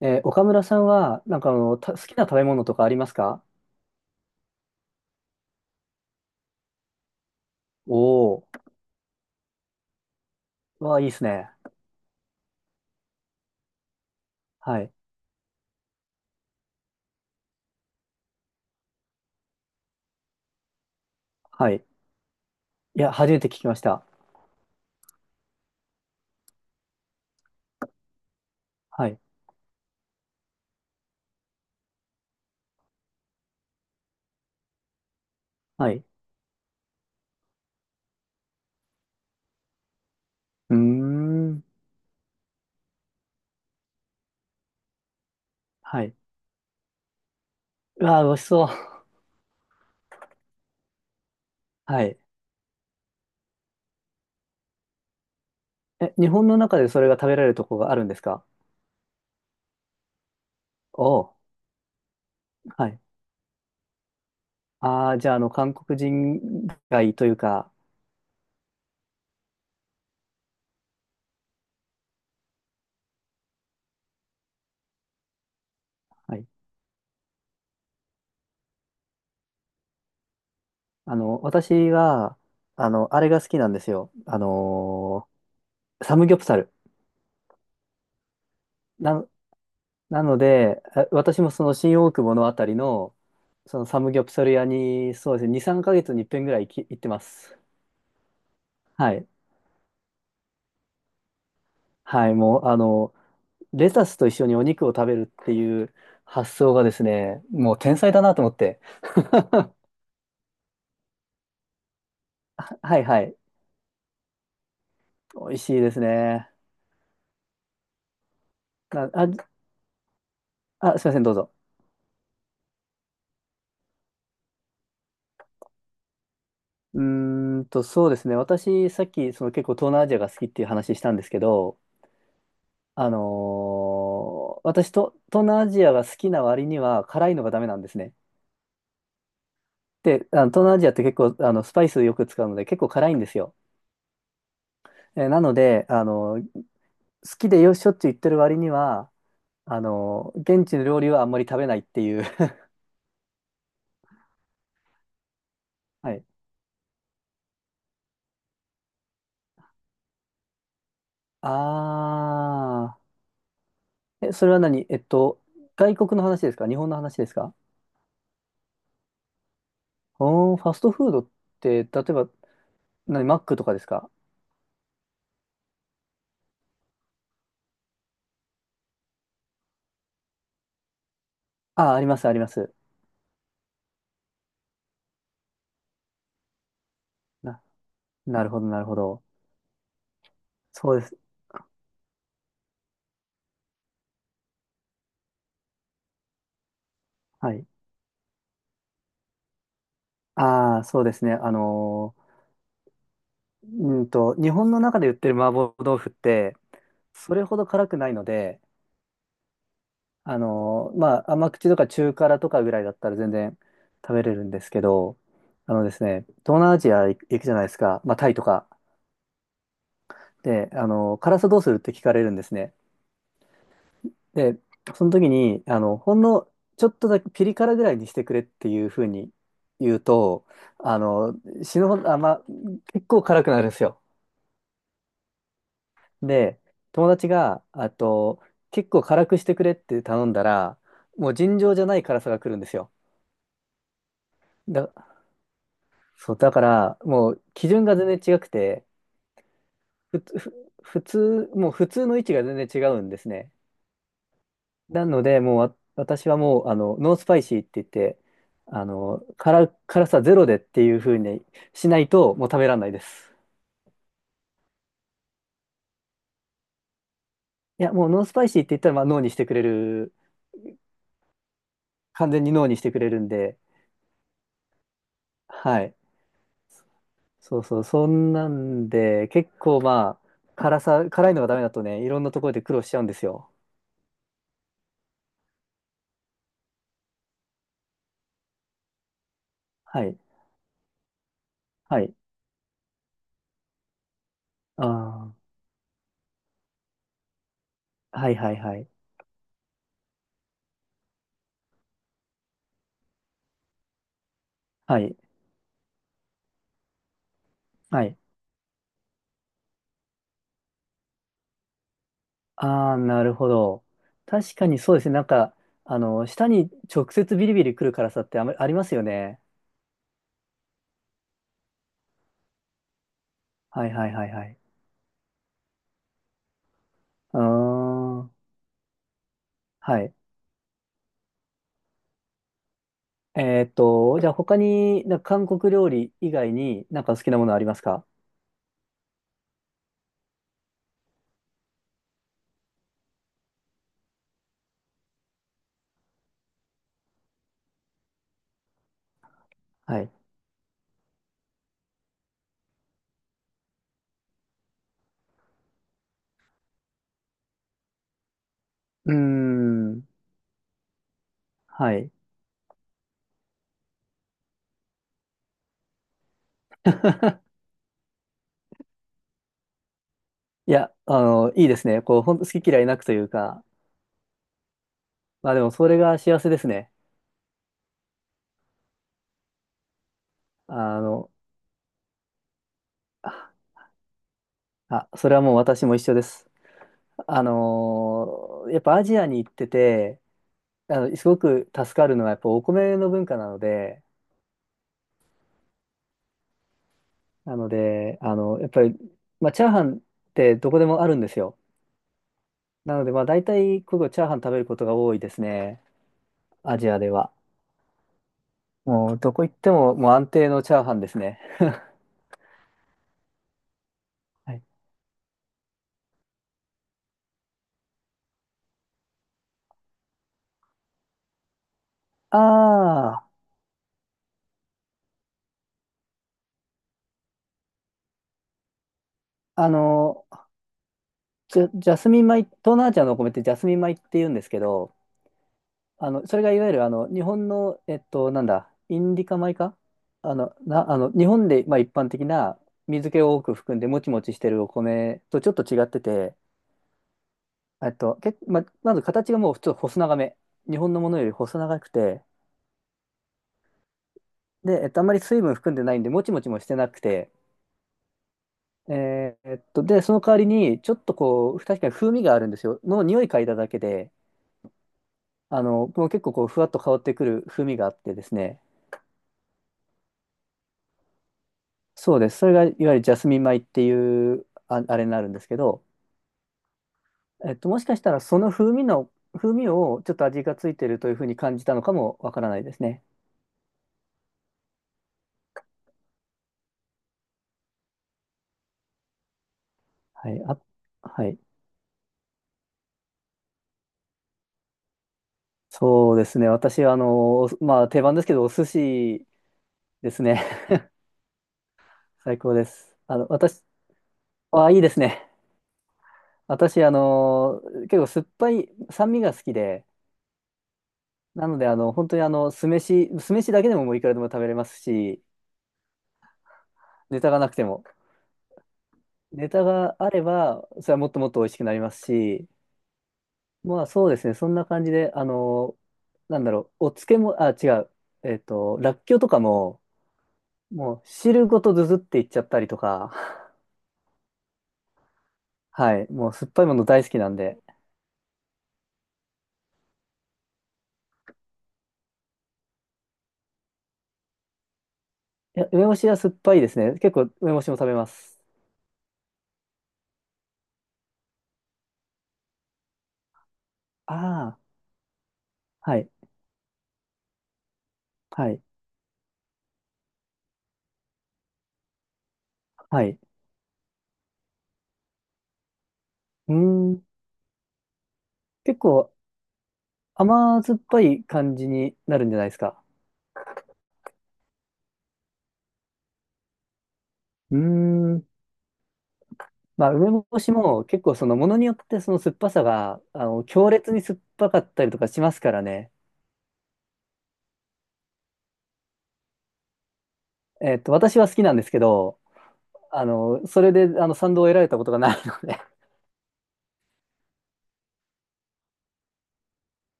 岡村さんは、好きな食べ物とかありますか？おー。わあ、いいですね。はい、はい。いや、初めて聞きました。はい、はい。うーん、はい。うわあ、美味しそう。はい。え、日本の中でそれが食べられるとこがあるんですか？おー、はい。ああ、じゃあ、韓国人街というか、はい。私は、あれが好きなんですよ。サムギョプサル。な、なので、私もその新大久保のあたりの、そのサムギョプサル屋に、そうですね、2、3ヶ月に一遍ぐらい行ってます。はい。はい、もう、レタスと一緒にお肉を食べるっていう発想がですね、もう天才だなと思って。はいはい。美味しいですね。なあ、あ、すいません、どうぞ。そうですね。私、さっき、結構東南アジアが好きっていう話したんですけど、私と、東南アジアが好きな割には辛いのがダメなんですね。で、あの東南アジアって結構あのスパイスよく使うので結構辛いんですよ。なので、好きでしょっちゅう行ってる割には、現地の料理はあんまり食べないっていう。はい。あー。え、それは何、外国の話ですか？日本の話ですか？おー、ファストフードって、例えば、何、マックとかですか？あー、あります、あります。な、なるほど、なるほど。そうです。はい。ああそうですね。ー、日本の中で売ってる麻婆豆腐って、それほど辛くないので、まあ、甘口とか中辛とかぐらいだったら全然食べれるんですけど、あのですね、東南アジア行くじゃないですか、まあ、タイとか。で、辛さどうするって聞かれるんですね。で、その時に、ほんのちょっとだけピリ辛ぐらいにしてくれっていうふうに言うと、あの死ぬほど、あ、まあ、結構辛くなるんですよ。で、友達が、あと、結構辛くしてくれって頼んだら、もう尋常じゃない辛さが来るんですよ。だ、そう、だから、もう基準が全然違くて、ふつ、ふ、普通、もう普通の位置が全然違うんですね。なので、もう私はもう、ノースパイシーって言って、辛さゼロでっていう風にしないと、もう食べられないです。いや、もうノースパイシーって言ったら、まあ、脳にしてくれる、完全に脳にしてくれるんで、はい。そうそう、そんなんで、結構まあ、辛さ、辛いのがダメだとね、いろんなところで苦労しちゃうんですよ。はい。はい。ああ。はいはいはい。はい。はい。ああ、なるほど。確かにそうですね。舌に直接ビリビリ来る辛さってあまりありますよね。はいはいはいはい。うーん。はい。じゃあ他に、なんか韓国料理以外になんか好きなものありますか？はい。うーん。はい。いや、いいですね。こう、ほんと好き嫌いなくというか、まあでもそれが幸せですね。あの、それはもう私も一緒です。やっぱアジアに行ってて、すごく助かるのはやっぱお米の文化なので、なので、やっぱり、まあ、チャーハンってどこでもあるんですよ。なので、まあ、大体、ここチャーハン食べることが多いですね。アジアでは。もう、どこ行っても、もう安定のチャーハンですね。はい、ああ、ジャスミン米、東南アジアのお米ってジャスミン米って言うんですけど、それがいわゆる日本の、なんだ、インディカ米か、あの、な、あの、日本で、まあ、一般的な水気を多く含んでもちもちしてるお米とちょっと違ってて、まず形がもう普通細長め。日本のものより細長くて、で、あんまり水分含んでないんで、もちもちもしてなくて、で、その代わりに、ちょっとこう、確かに風味があるんですよ。の匂い嗅いだだけで、もう結構こう、ふわっと香ってくる風味があってですね、そうです。それがいわゆるジャスミン米っていうあれになるんですけど、もしかしたらその風味の、風味をちょっと味がついてるというふうに感じたのかもわからないですね。はい。あ、はい。そうですね。私は、まあ、定番ですけど、お寿司ですね。最高です。私、あ、いいですね。私、結構酸っぱい、酸味が好きで、なので、本当に酢飯、酢飯だけでももういくらでも食べれますし、ネタがなくても。ネタがあれば、それはもっともっと美味しくなりますし、まあそうですね、そんな感じで、なんだろう、お漬物、あ、違う、らっきょうとかも、もう汁ごとずずっていっちゃったりとか、はい、もう酸っぱいもの大好きなんで、いや、梅干しは酸っぱいですね。結構梅干しも食べます。ああ、はい、はい、はい。うーん、結構甘酸っぱい感じになるんじゃないですか。うーん、まあ、梅干しも結構そのものによってその酸っぱさが、強烈に酸っぱかったりとかしますからね。私は好きなんですけど、それで賛同を得られたことがないので。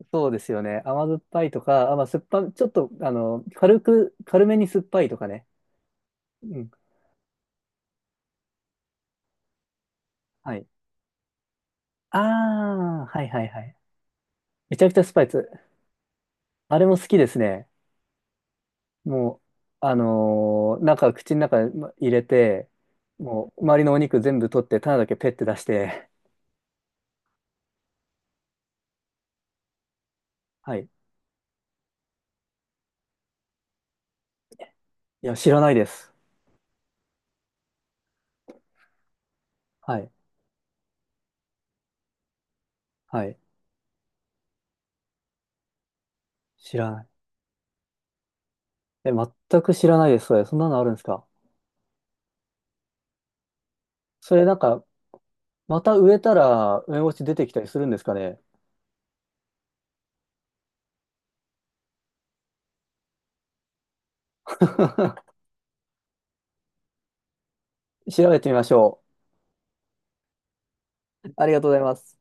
そうですよね。甘酸っぱいとか、あ、まあ、酸っぱ、ちょっと、軽く、軽めに酸っぱいとかね。うん。はい。ああ、はいはいはい。めちゃくちゃスパイス。あれも好きですね。もう、口の中に入れて、もう、周りのお肉全部取って、種だけペッて出して、はい。いや、知らないです。はい。はい。知らない。え、全く知らないです。そんなのあるんですか？それまた植えたら、梅干し出てきたりするんですかね？ 調べてみましょう。ありがとうございます。